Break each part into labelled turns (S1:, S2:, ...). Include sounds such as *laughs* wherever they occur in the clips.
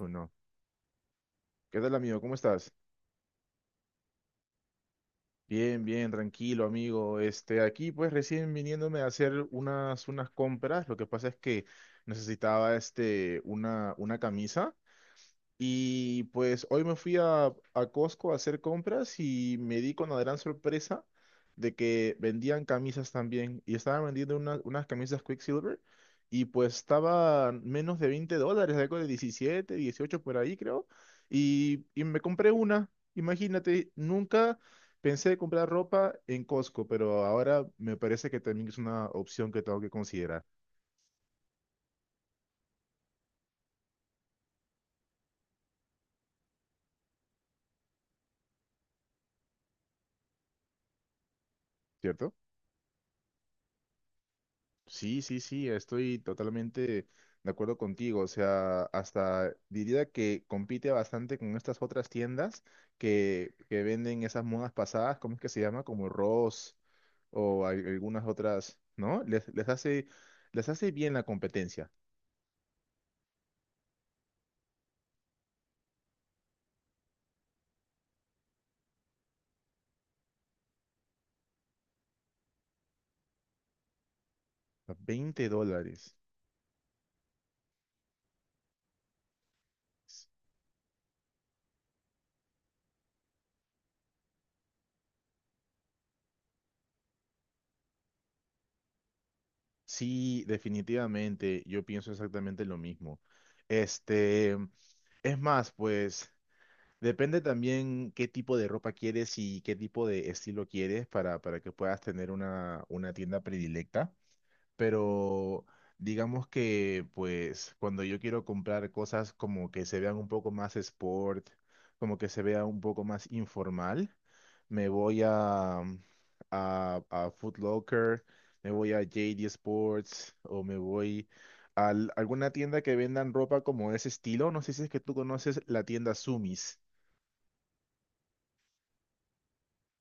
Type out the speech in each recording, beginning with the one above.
S1: Uno. ¿Qué tal, amigo? ¿Cómo estás? Bien, bien, tranquilo, amigo. Aquí pues recién viniéndome a hacer unas compras. Lo que pasa es que necesitaba una camisa. Y pues hoy me fui a Costco a hacer compras y me di con la gran sorpresa de que vendían camisas también. Y estaban vendiendo unas camisas Quicksilver y pues estaban menos de 20 dólares, algo de 17 18 por ahí creo. Y me compré una. Imagínate, nunca pensé comprar ropa en Costco, pero ahora me parece que también es una opción que tengo que considerar, ¿cierto? Sí, sí, sí, estoy totalmente de acuerdo contigo. O sea, hasta diría que compite bastante con estas otras tiendas que venden esas modas pasadas. ¿Cómo es que se llama? Como Ross o algunas otras, ¿no? Les hace bien la competencia. Veinte dólares. Sí, definitivamente, yo pienso exactamente lo mismo. Este, es más, pues. Depende también qué tipo de ropa quieres y qué tipo de estilo quieres para que puedas tener una tienda predilecta. Pero digamos que pues cuando yo quiero comprar cosas como que se vean un poco más sport, como que se vea un poco más informal, me voy a Foot Locker, me voy a JD Sports o me voy a alguna tienda que vendan ropa como ese estilo. No sé si es que tú conoces la tienda Sumis.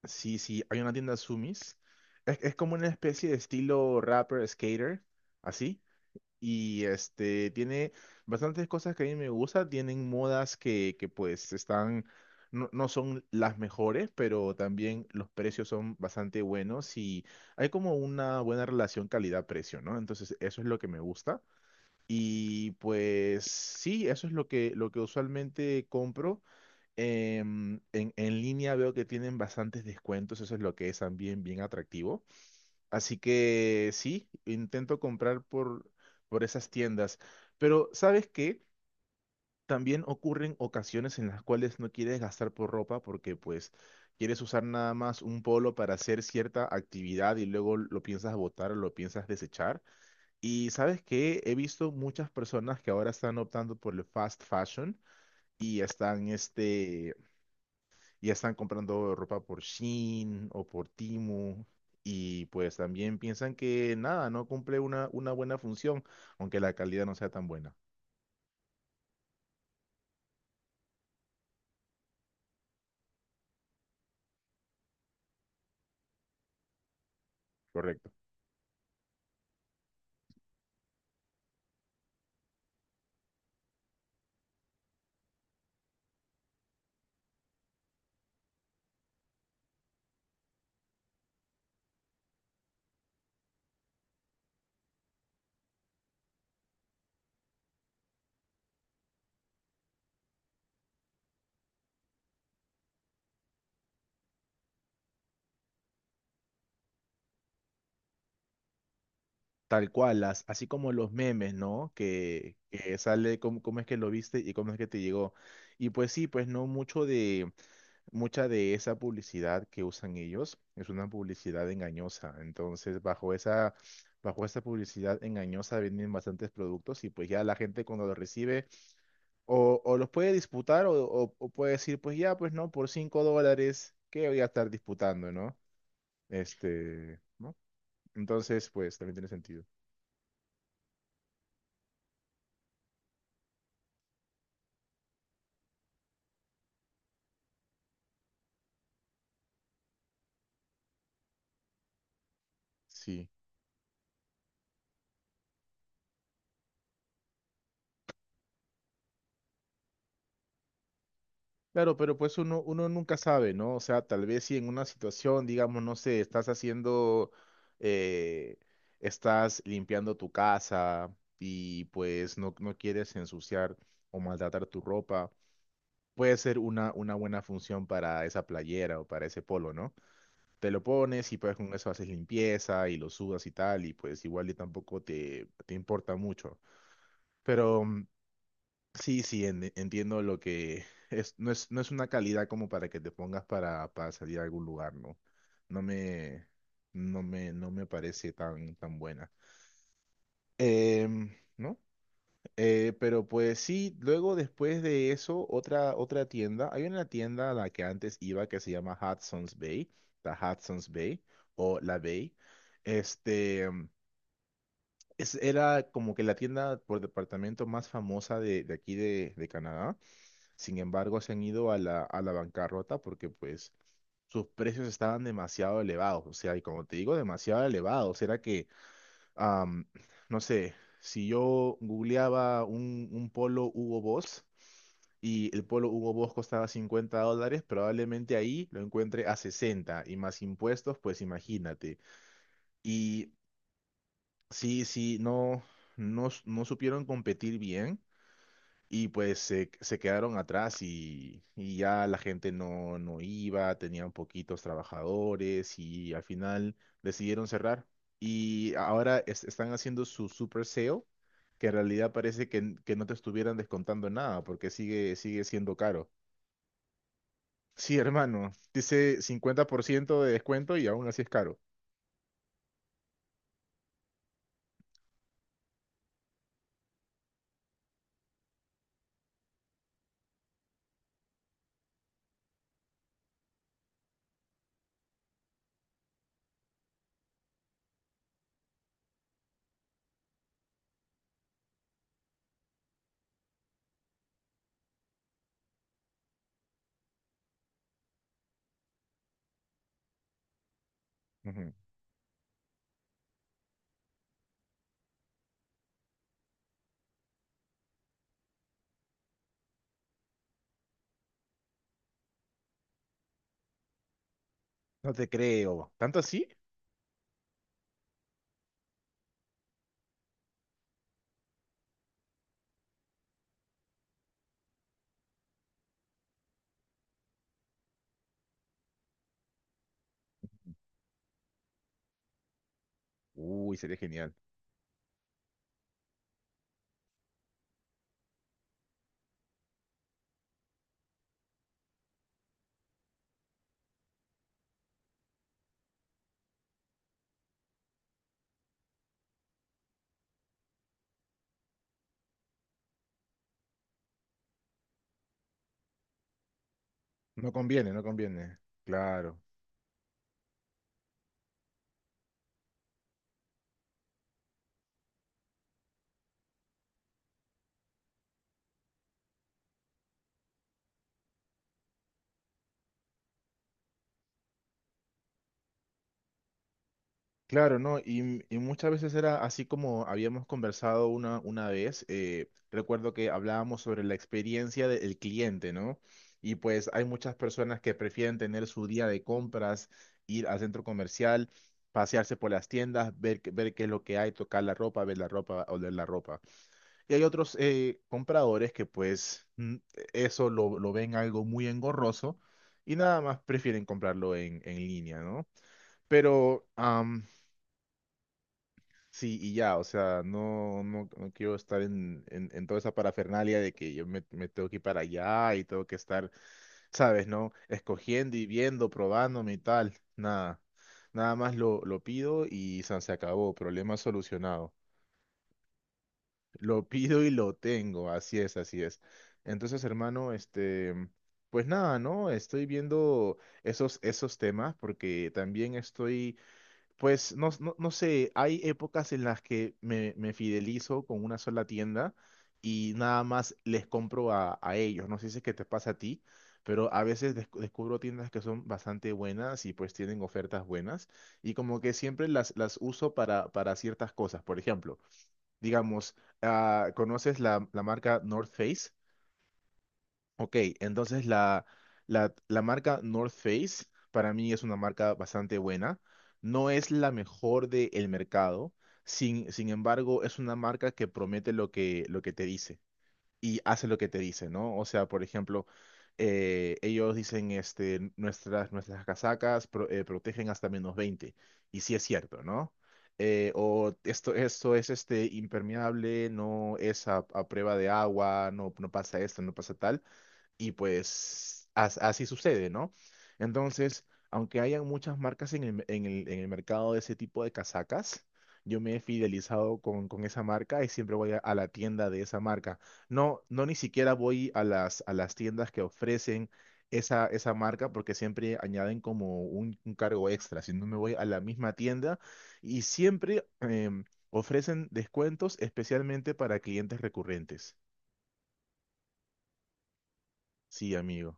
S1: Sí, sí, hay una tienda Sumis. Es como una especie de estilo rapper, skater, así. Y tiene bastantes cosas que a mí me gustan. Tienen modas que pues están, no son las mejores, pero también los precios son bastante buenos y hay como una buena relación calidad-precio, ¿no? Entonces, eso es lo que me gusta. Y pues sí, eso es lo que usualmente compro. En línea veo que tienen bastantes descuentos, eso es lo que es también bien atractivo. Así que sí, intento comprar por esas tiendas. Pero ¿sabes qué? También ocurren ocasiones en las cuales no quieres gastar por ropa porque pues quieres usar nada más un polo para hacer cierta actividad y luego lo piensas botar o lo piensas desechar. Y ¿sabes qué? He visto muchas personas que ahora están optando por el fast fashion y están ya están comprando ropa por Shein o por Temu, y pues también piensan que nada, no cumple una buena función, aunque la calidad no sea tan buena. Correcto. Tal cual, así como los memes, ¿no? Que sale cómo es que lo viste y cómo es que te llegó. Y pues sí, pues no mucha de esa publicidad que usan ellos es una publicidad engañosa. Entonces, bajo esa publicidad engañosa vienen bastantes productos y pues ya la gente cuando lo recibe, o los puede disputar o puede decir, pues ya, pues no, por 5 dólares, ¿qué voy a estar disputando, no? ¿No? Entonces, pues también tiene sentido. Sí. Claro, pero pues uno nunca sabe, ¿no? O sea, tal vez si en una situación, digamos, no sé, eh, estás limpiando tu casa y pues no quieres ensuciar o maltratar tu ropa, puede ser una buena función para esa playera o para ese polo, ¿no? Te lo pones y pues con eso haces limpieza y lo sudas y tal, y pues igual y tampoco te importa mucho. Pero sí, sí, entiendo lo que es, no es una calidad como para que te pongas para salir a algún lugar, ¿no? No me, no me parece tan buena. Em, ¿No? Pero pues sí, luego después de eso, otra tienda, hay una tienda a la que antes iba que se llama Hudson's Bay, la Hudson's Bay o la Bay. Este, mm, Era como que la tienda por departamento más famosa de aquí de Canadá. Sin embargo, se han ido a la bancarrota porque pues sus precios estaban demasiado elevados. O sea, y como te digo, demasiado elevados. Era que am, no sé, si yo googleaba un polo Hugo Boss y el polo Hugo Boss costaba $50, probablemente ahí lo encuentre a 60 y más impuestos, pues imagínate. Y sí, sí, no, no supieron competir bien. Y pues se quedaron atrás y ya la gente no iba, tenían poquitos trabajadores y al final decidieron cerrar. Y ahora están haciendo su super sale, que en realidad parece que no te estuvieran descontando nada porque sigue siendo caro. Sí, hermano, dice cincuenta por ciento de descuento y aún así es caro. Ujú. No te creo. ¿Tanto así? Uy, sería genial. No conviene, no conviene. Claro. Claro, ¿no? Y muchas veces era así como habíamos conversado una vez. Recuerdo que hablábamos sobre la experiencia del cliente, ¿no? Y pues hay muchas personas que prefieren tener su día de compras, ir al centro comercial, pasearse por las tiendas, ver qué es lo que hay, tocar la ropa, ver la ropa, oler la ropa. Y hay otros compradores que pues eso lo ven algo muy engorroso y nada más prefieren comprarlo en línea, ¿no? Pero... Sí, y ya, o sea, no quiero estar en toda esa parafernalia de que yo me tengo que ir para allá y tengo que estar, ¿sabes, no? Escogiendo y viendo, probándome y tal. Nada, nada más lo pido y san, se acabó, problema solucionado. Lo *laughs* pido y lo tengo, así es, así es. Entonces, hermano, pues nada, ¿no? Estoy viendo esos temas porque también estoy pues no sé, hay épocas en las que me fidelizo con una sola tienda y nada más les compro a ellos. No sé si es que te pasa a ti, pero a veces descubro tiendas que son bastante buenas y pues tienen ofertas buenas y como que siempre las uso para ciertas cosas. Por ejemplo, digamos, ¿conoces la marca North Face? Ok, entonces la marca North Face para mí es una marca bastante buena. No es la mejor del mercado, sin embargo es una marca que promete lo que te dice y hace lo que te dice, ¿no? O sea, por ejemplo, ellos dicen nuestras casacas protegen hasta menos 20 y sí es cierto, ¿no? O esto es impermeable, no es a prueba de agua, no pasa esto, no pasa tal y pues así sucede, ¿no? Entonces, aunque hayan muchas marcas en el mercado de ese tipo de casacas, yo me he fidelizado con esa marca y siempre voy a la tienda de esa marca. No, no ni siquiera voy a a las tiendas que ofrecen esa marca porque siempre añaden como un cargo extra, sino me voy a la misma tienda y siempre em, ofrecen descuentos especialmente para clientes recurrentes. Sí, amigo.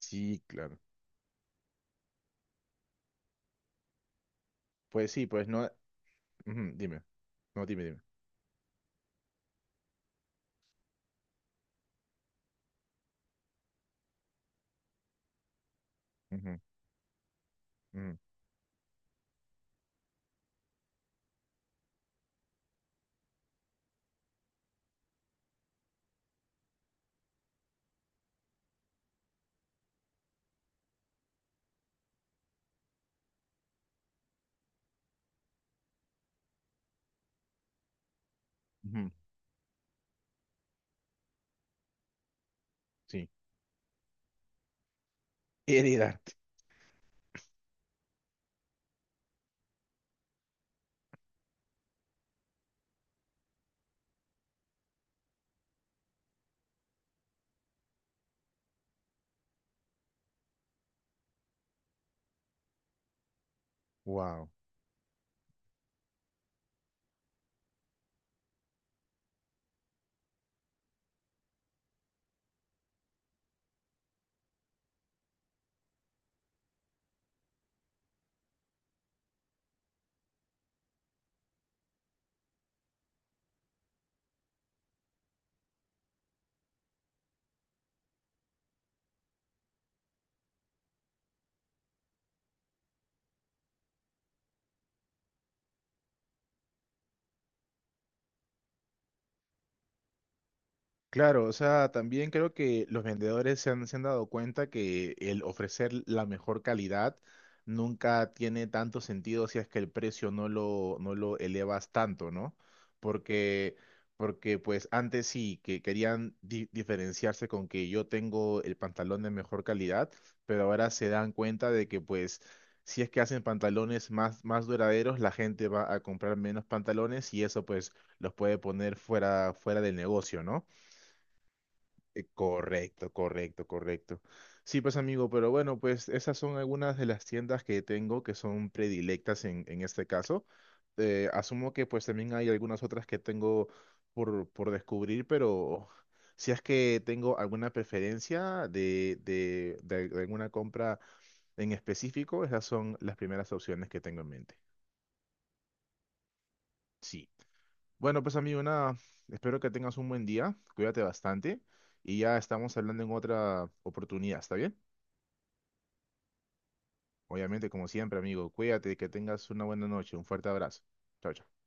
S1: Sí, claro. Pues sí, pues no. Ujú, dime. No, dime, dime. Ujú, ujú, ujú, sí. Heredarte. Wow. Claro, o sea, también creo que los vendedores se han dado cuenta que el ofrecer la mejor calidad nunca tiene tanto sentido si es que el precio no lo elevas tanto, ¿no? Porque, porque pues antes sí, que querían diferenciarse con que yo tengo el pantalón de mejor calidad, pero ahora se dan cuenta de que pues si es que hacen pantalones más duraderos, la gente va a comprar menos pantalones y eso pues los puede poner fuera del negocio, ¿no? Correcto, correcto, correcto. Sí, pues amigo, pero bueno, pues esas son algunas de las tiendas que tengo que son predilectas en este caso. Asumo que pues también hay algunas otras que tengo por descubrir, pero si es que tengo alguna preferencia de alguna compra en específico, esas son las primeras opciones que tengo en mente. Sí. Bueno, pues amigo, nada, espero que tengas un buen día, cuídate bastante y ya estamos hablando en otra oportunidad, ¿está bien? Obviamente, como siempre, amigo, cuídate, que tengas una buena noche. Un fuerte abrazo. Chao, chao.